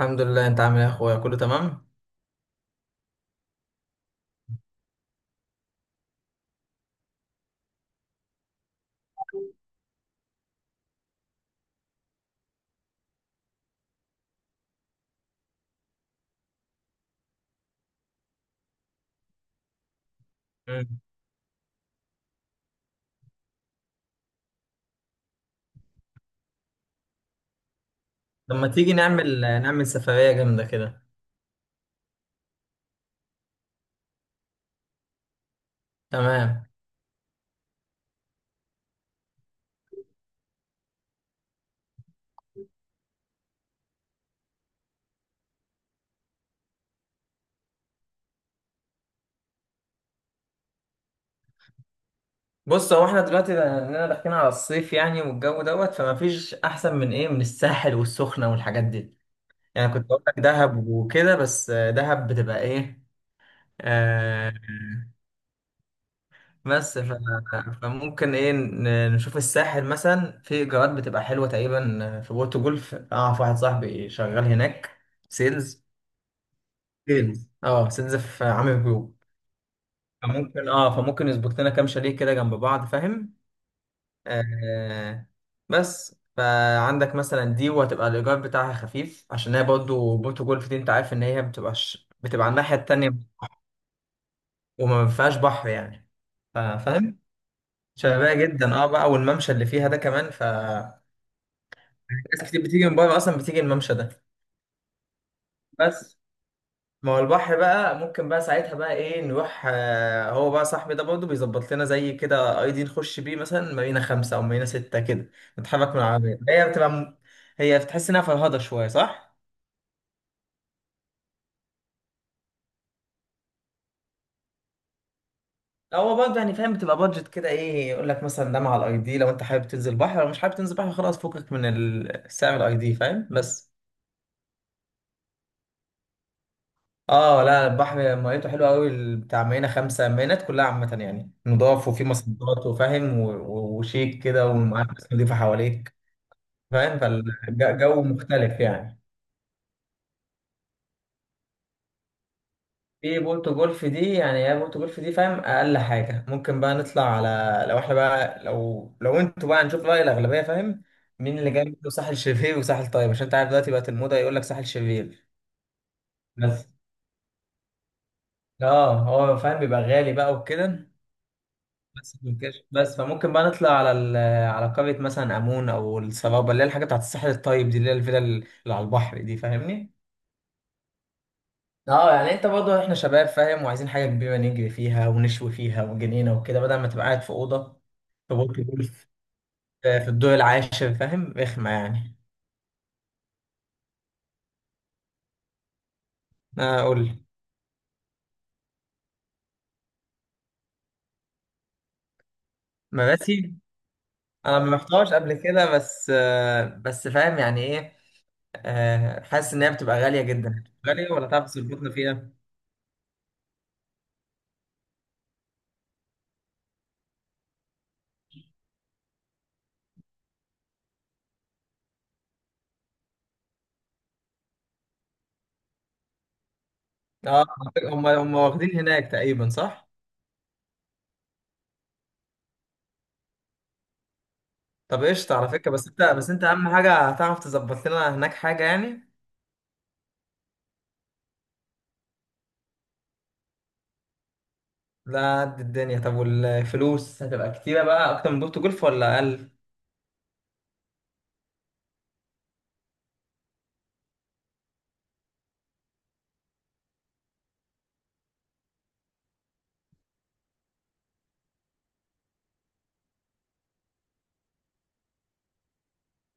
الحمد لله، انت عامل ايه يا اخويا؟ كله تمام. مم. لما تيجي نعمل سفرية جامدة كده. تمام. بص، هو احنا دلوقتي لاننا داخلين على الصيف يعني، والجو دوت، فما فيش احسن من ايه، من الساحل والسخنة والحاجات دي. يعني كنت اقول لك دهب وكده، بس دهب بتبقى ايه. آه. بس فممكن ايه نشوف الساحل مثلا، في ايجارات بتبقى حلوة تقريبا في بورتو جولف. اعرف واحد صاحبي شغال هناك. سيلز. سيلز في عامل جروب. فممكن يظبط لنا كام شاليه كده جنب بعض، فاهم؟ آه. بس فعندك مثلا دي، وهتبقى الايجار بتاعها خفيف، عشان هي برضه بورتو جولف دي، انت عارف ان هي بتبقى على الناحيه التانيه. وما فيهاش بحر يعني. فاهم؟ شبابيه جدا، اه بقى، والممشى اللي فيها ده كمان ناس كتير بتيجي من بره اصلا، بتيجي الممشى ده. بس. ما هو البحر بقى، ممكن بقى ساعتها بقى ايه نروح، هو بقى صاحبي ده برضه بيظبط لنا زي كده اي دي، نخش بيه مثلا مارينا خمسة او مارينا ستة كده. نتحرك من العربية، هي بتبقى هي بتحس انها فرهضة شوية، صح؟ هو برضه يعني، فاهم، بتبقى بادجت كده، ايه، يقول لك مثلا ده مع الاي دي، لو انت حابب تنزل بحر، لو مش حابب تنزل بحر خلاص، فكك من سعر الاي دي، فاهم؟ بس. اه لا، البحر ميته حلوه قوي، بتاع مارينا خمسة، مارينات كلها عامة يعني، نضاف، وفي مصدات، وفاهم، وشيك كده، ومعاك ناس نضيفة حواليك. فاهم، فالجو مختلف يعني. في بولتو جولف دي يعني، هي بولتو جولف دي فاهم، اقل حاجه ممكن بقى نطلع على، لو احنا بقى، لو انتوا بقى، هنشوف راي الاغلبيه، فاهم؟ مين اللي جاي منه، ساحل شرير وساحل طيب، عشان انت عارف دلوقتي بقت الموضه يقول لك ساحل شرير. بس. اه، هو فاهم بيبقى غالي بقى وكده. بس فممكن بقى نطلع على على قريه مثلا، امون او السرابه، اللي هي الحاجه بتاعت الساحل الطيب دي، اللي هي الفيلا اللي على البحر دي، فاهمني؟ اه، يعني انت برضه، احنا شباب، فاهم، وعايزين حاجه كبيره نجري فيها ونشوي فيها، وجنينه وكده، بدل ما تبقى قاعد في اوضه. في برج جولف. في الدور العاشر، فاهم، رخمه يعني. انا اقول لك. مراسي. انا ما رحتهاش قبل كده، بس فاهم يعني، ايه. حاسس ان هي بتبقى غاليه جدا غاليه، ولا تعرف تظبطنا فيها؟ اه، على فكرة هم واخدين هناك تقريبا، صح؟ طب قشطه على فكره، بس انت اهم حاجه، هتعرف تظبط لنا هناك حاجه يعني. لا، قد الدنيا. طب والفلوس هتبقى كتيرة بقى، أكتر من بورتو جولف ولا أقل؟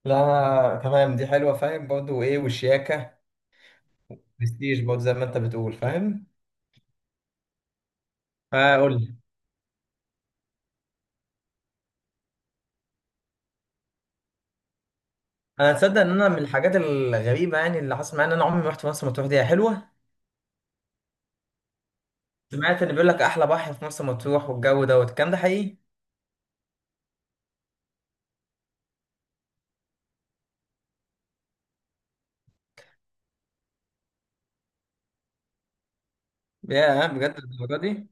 لا، أنا تمام، دي حلوة فاهم، برضه إيه والشياكة. برستيج برضه، زي ما أنت بتقول، فاهم؟ فقول لي. أنا تصدق إن أنا، من الحاجات الغريبة يعني اللي حصل معايا، إن أنا عمري ما رحت مرسى مطروح. دي هي حلوة؟ سمعت إن بيقول لك أحلى بحر في مرسى مطروح، والجو دوت، الكلام ده حقيقي؟ يا بجد، الدرجة دي؟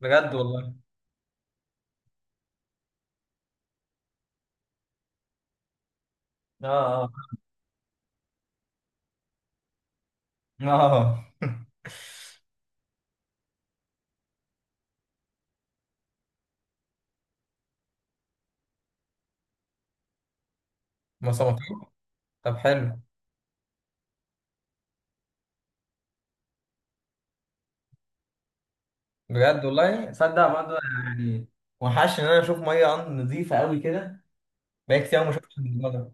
بجد والله. آه، آه. آه. مرسى مطروح. طب حلو. بجد والله، تصدق برضه. يعني، وحش ان انا اشوف ميه عند، نظيفه قوي كده. بقى كتير أوي ما شفتش الموضوع ده.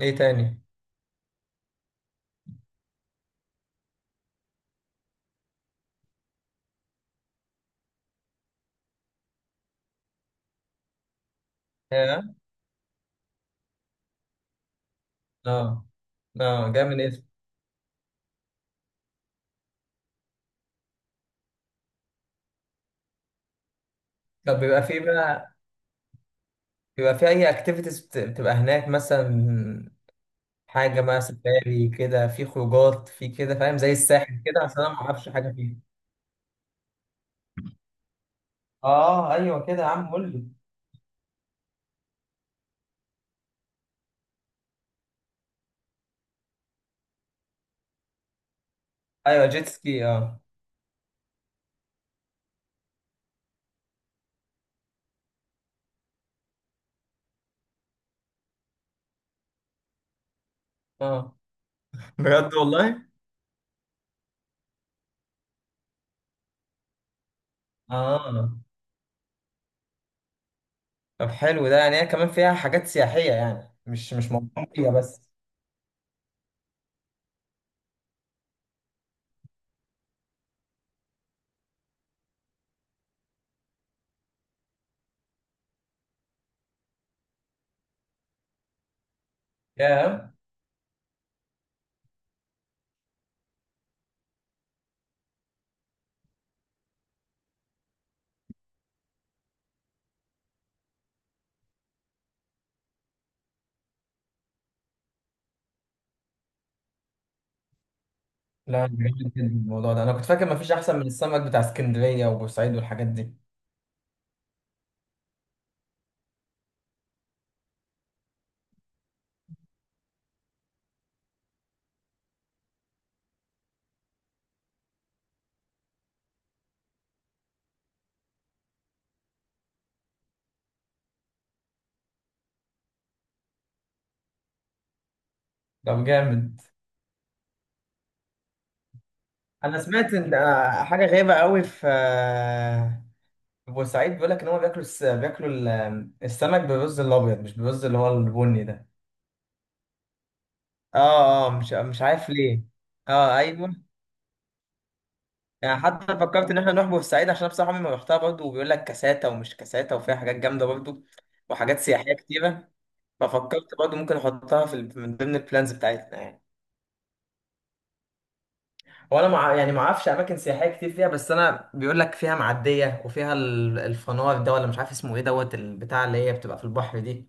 ايه تاني؟ اه، اه. اه، جامد ايه. طب بيبقى في بقى، بيبقى في اي اكتيفيتيز بتبقى هناك مثلا؟ حاجه بقى، سفاري كده، في خروجات في كده، فاهم، زي الساحل كده، اصل انا ما اعرفش حاجه فيه. اه ايوه كده يا عم، قول لي. ايوه، جيت سكي اه. اه، بجد والله. اه، طب حلو ده يعني، هي كمان فيها حاجات سياحيه يعني، مش موضوعية بس. ياه. لا، جامد جدا. عن الموضوع ده، انا كنت فاكر مفيش احسن من السمك بتاع اسكندريه وبورسعيد والحاجات دي. طب جامد. انا سمعت ان حاجه غريبه قوي في في بورسعيد بيقول لك ان هم بياكلوا السمك بالرز الابيض، مش بالرز اللي هو البني ده. اه اه، مش عارف ليه. اه، ايوه. يعني حتى فكرت ان احنا نروح بورسعيد، عشان أنا بصراحه عمري ما رحتها برضه، وبيقول لك كاساتا ومش كاساتا، وفيها حاجات جامده برضه. وحاجات سياحيه كتيره. ففكرت برضه ممكن احطها في من ضمن البلانز بتاعتنا يعني. هو انا يعني ما اعرفش اماكن سياحيه كتير فيها، بس انا بيقول لك فيها معديه، وفيها الفنار ده، ولا مش عارف اسمه ايه، دوت البتاع اللي هي بتبقى في البحر دي.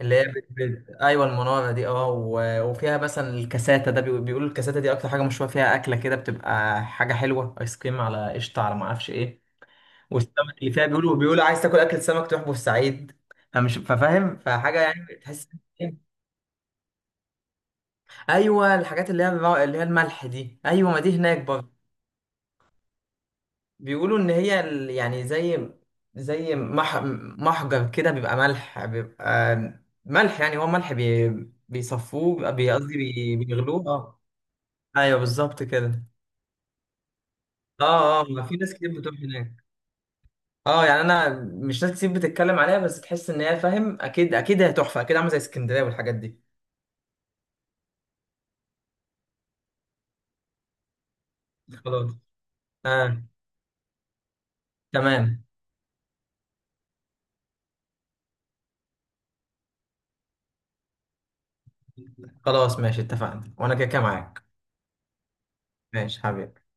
اللي هي ايوه، المناره دي اه وفيها مثلا الكاساته ده بيقولوا الكاساته دي اكتر حاجه مشهوره فيها، اكله كده بتبقى حاجه حلوه، ايس كريم على قشطه على ما اعرفش ايه. والسمك اللي فيها بيقولوا، عايز تاكل اكل سمك تروح بورسعيد. فمش ففاهم، فحاجه يعني تحس. ايوه، الحاجات اللي هي الملح دي، ايوه، ما دي هناك برضه. بيقولوا ان هي يعني، زي محجر كده، بيبقى ملح، بيبقى ملح يعني، هو ملح بيصفوه، بيبقى بيغلوه، اه. ايوه، بالظبط كده. اه اه، ما في ناس كتير بتروح هناك. اه، يعني انا مش ناس كتير بتتكلم عليها، بس تحس ان هي فاهم، اكيد اكيد هي تحفه، اكيد عامله زي اسكندريه والحاجات دي. خلاص، اه، تمام. خلاص ماشي، اتفقنا، وانا كده كده معاك. ماشي حبيبي.